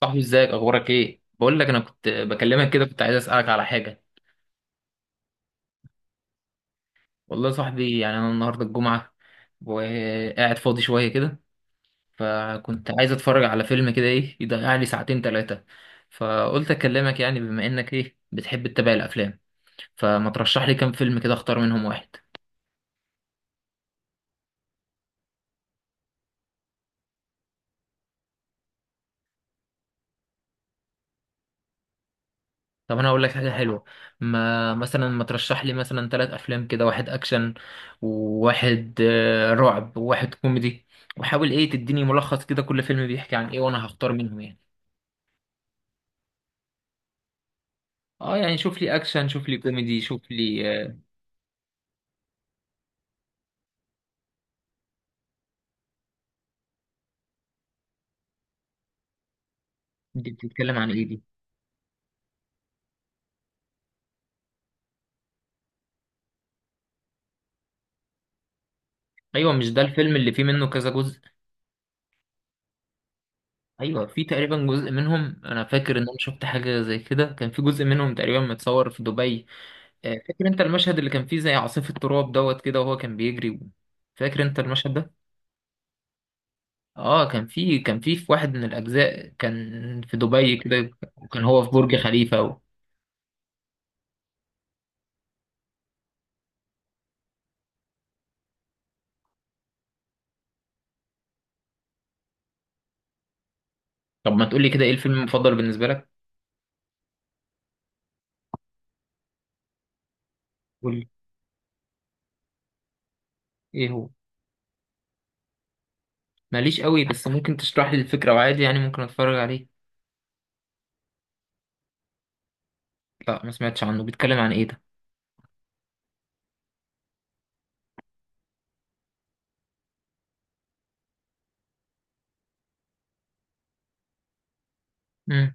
صاحبي، ازيك؟ اخبارك ايه؟ بقول لك انا كنت بكلمك كده، كنت عايز اسالك على حاجه. والله يا صاحبي، يعني انا النهارده الجمعه وقاعد فاضي شويه كده، فكنت عايز اتفرج على فيلم كده ايه يضيع لي ساعتين ثلاثه. فقلت اكلمك يعني بما انك ايه بتحب تتابع الافلام، فما ترشح لي كام فيلم كده اختار منهم واحد. طب انا هقول لك حاجه حلوه. ما مثلا ما ترشح لي مثلا ثلاث افلام كده، واحد اكشن وواحد رعب وواحد كوميدي. وحاول ايه تديني ملخص كده كل فيلم بيحكي عن ايه، وانا هختار منهم يعني. اه، يعني شوف لي اكشن، شوف لي كوميدي، شوف لي. دي بتتكلم عن ايه دي؟ ايوه، مش ده الفيلم اللي فيه منه كذا جزء؟ ايوه، في تقريبا جزء منهم، انا فاكر ان انا شفت حاجه زي كده، كان في جزء منهم تقريبا متصور في دبي. فاكر انت المشهد اللي كان فيه زي عاصفه تراب دوت كده وهو كان بيجري؟ فاكر انت المشهد ده؟ اه، كان في واحد من الاجزاء كان في دبي كده. وكان هو في برج خليفه و. طب ما تقولي كده، ايه الفيلم المفضل بالنسبه لك؟ قولي. ايه هو؟ ماليش قوي، بس ممكن تشرح لي الفكره وعادي يعني ممكن اتفرج عليه. لا، ما سمعتش عنه. بيتكلم عن ايه ده؟ امم.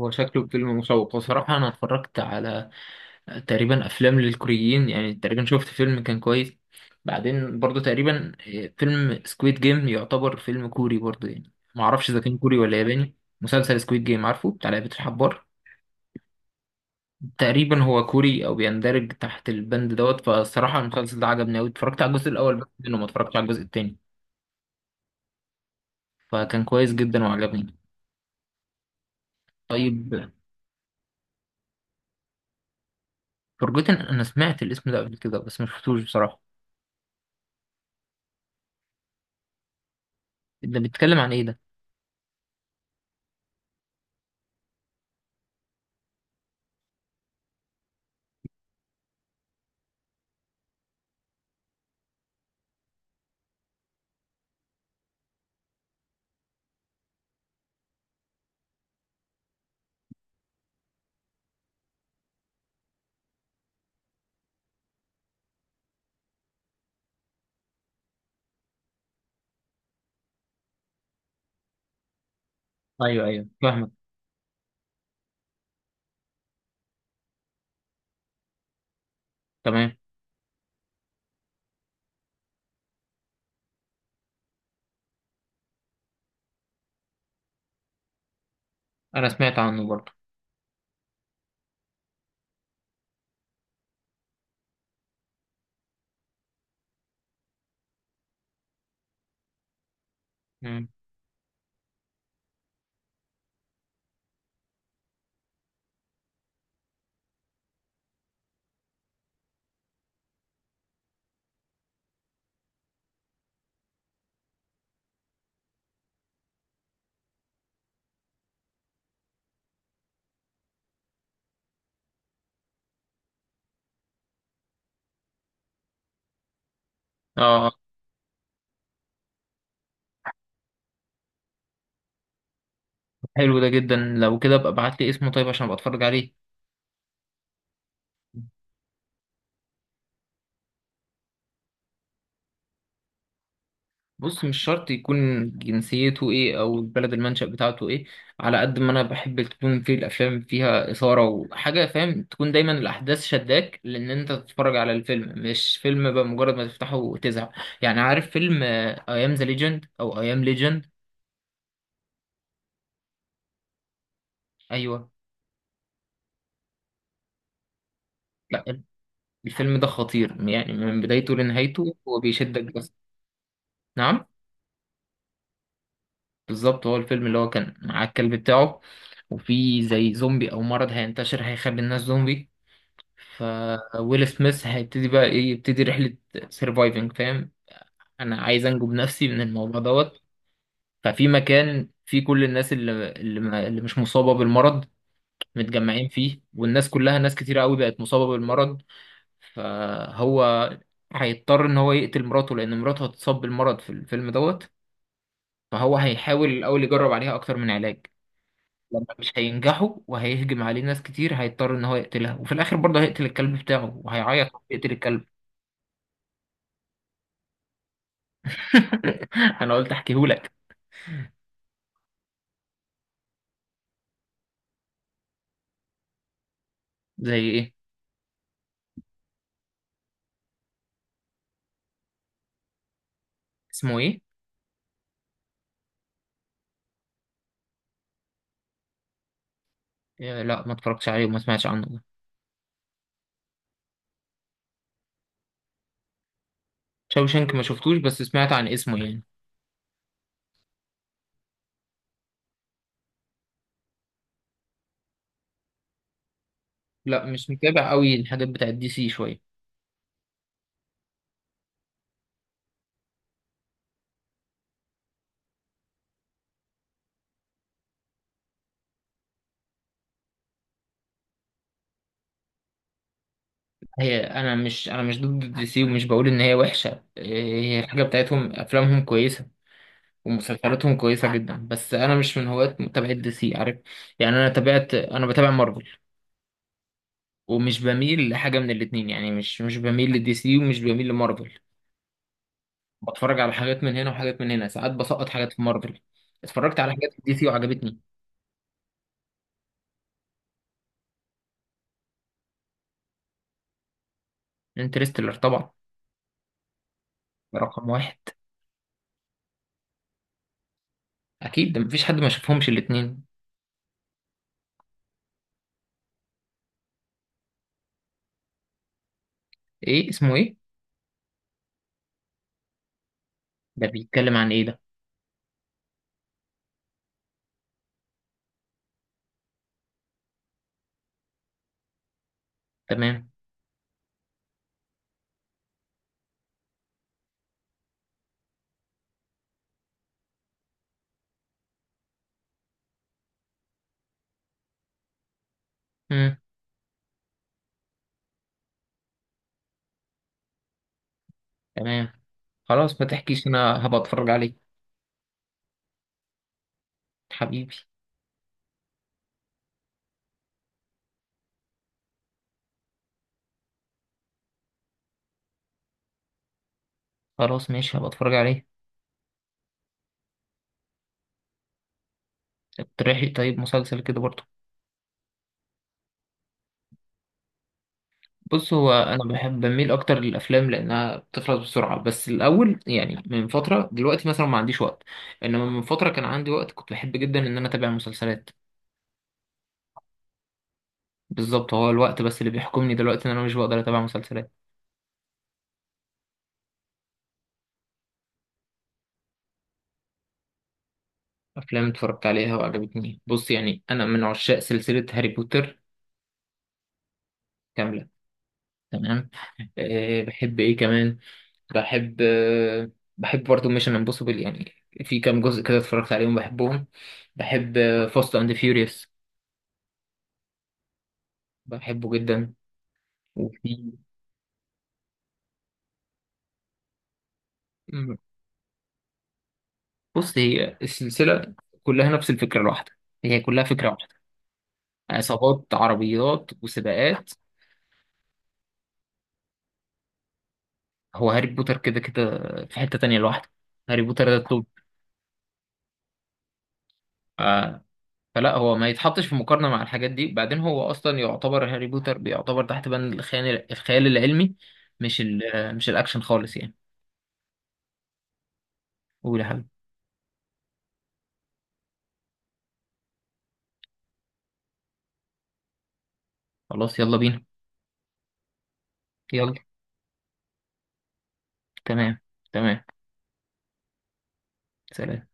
هو شكله فيلم مشوق بصراحه، انا اتفرجت على تقريبا افلام للكوريين يعني، تقريبا شفت فيلم كان كويس. بعدين برضو تقريبا فيلم سكويد جيم يعتبر فيلم كوري برضو يعني، ما اعرفش اذا كان كوري ولا ياباني. مسلسل سكويد جيم، عارفه، بتاع لعبه الحبار. تقريبا هو كوري او بيندرج تحت البند دوت. فالصراحه المسلسل ده عجبني قوي، اتفرجت على الجزء الاول بس منه، ما اتفرجتش على الجزء التاني. فكان كويس جدا وعجبني. طيب. فورجوتن، انا سمعت الاسم ده قبل كده بس ما شفتوش بصراحه. ده بيتكلم عن ايه ده؟ ايوه، ايوه، فاهمك. تمام. انا سمعت عنه برضه. مم. اه، حلو ده جدا، لو كده ابقى ابعت لي اسمه طيب عشان ابقى اتفرج عليه. بص، مش شرط يكون جنسيته ايه او البلد المنشأ بتاعته ايه. على قد ما انا بحب تكون في الافلام فيها اثاره وحاجه فاهم، تكون دايما الاحداث شداك لان انت تتفرج على الفيلم، مش فيلم بقى مجرد ما تفتحه وتزهق. يعني عارف فيلم اي ام ذا ليجند او اي ام ليجند؟ ايوه. لا، الفيلم ده خطير يعني، من بدايته لنهايته هو بيشدك بس. نعم. بالظبط، هو الفيلم اللي هو كان مع الكلب بتاعه، وفي زي زومبي او مرض هينتشر هيخلي الناس زومبي. ف ويل سميث هيبتدي بقى ايه، يبتدي رحلة سيرفايفنج فاهم. انا عايز انجو بنفسي من الموضوع دوت. ففي مكان فيه كل الناس اللي مش مصابة بالمرض متجمعين فيه، والناس كلها ناس كتير قوي بقت مصابة بالمرض. فهو هيضطر ان هو يقتل مراته لان مراته هتصاب بالمرض في الفيلم دوت. فهو هيحاول الاول يجرب عليها اكتر من علاج. لما مش هينجحوا وهيهجم عليه ناس كتير، هيضطر ان هو يقتلها، وفي الاخر برضه هيقتل الكلب بتاعه وهيعيط وهو بيقتل الكلب. انا قلت احكيهولك. زي ايه؟ اسمه ايه؟ لا، ما اتفرجتش عليه وما سمعتش عنه ده. شاوشانك ما شفتوش، بس سمعت عن اسمه يعني. لا، مش متابع قوي الحاجات بتاعت دي سي شويه. هي انا مش ضد دي سي ومش بقول ان هي وحشه. هي الحاجه بتاعتهم افلامهم كويسه. ومسلسلاتهم كويسه جدا، بس انا مش من هواة متابعه دي سي عارف. يعني انا بتابع مارفل. ومش بميل لحاجه من الاتنين يعني، مش بميل لدي سي ومش بميل لمارفل. بتفرج على حاجات من هنا وحاجات من هنا، ساعات بسقط حاجات في مارفل. اتفرجت على حاجات في دي سي وعجبتني. انترستيلر طبعا. ده رقم واحد. اكيد، ده مفيش حد ما شافهمش الاتنين. ايه؟ اسمه ايه؟ ده بيتكلم عن ايه ده؟ تمام. امم. تمام. خلاص، ما تحكيش، انا هبقى اتفرج عليه. حبيبي. خلاص، ماشي، هبقى اتفرج عليه. اقترحي طيب مسلسل كده برضه. بص هو انا بحب بميل اكتر للافلام لانها بتخلص بسرعه، بس الاول يعني من فتره، دلوقتي مثلا ما عنديش وقت. انما من فتره كان عندي وقت، كنت بحب جدا ان انا اتابع مسلسلات. بالظبط، هو الوقت بس اللي بيحكمني دلوقتي ان انا مش بقدر اتابع مسلسلات. افلام اتفرجت عليها وعجبتني، بص يعني انا من عشاق سلسله هاري بوتر كامله. تمام. أه بحب ايه كمان. بحب أه بحب برضه ميشن امبوسيبل يعني. في كام جزء كده اتفرجت عليهم بحبهم. بحب فاست اند فيوريوس. بحبه جدا. وفي مم. بص هي السلسلة كلها نفس الفكرة الواحدة. هي كلها فكرة واحدة. عصابات، عربيات، وسباقات. هو هاري بوتر كده كده في حتة تانية لوحده. هاري بوتر ده التوب. آه، فلا هو ما يتحطش في مقارنة مع الحاجات دي، بعدين هو أصلا يعتبر هاري بوتر بيعتبر تحت بند الخيال العلمي. مش ال مش الأكشن خالص يعني. قول يا حبيبي. خلاص، يلا بينا. يلا. تمام. تمام. سلام.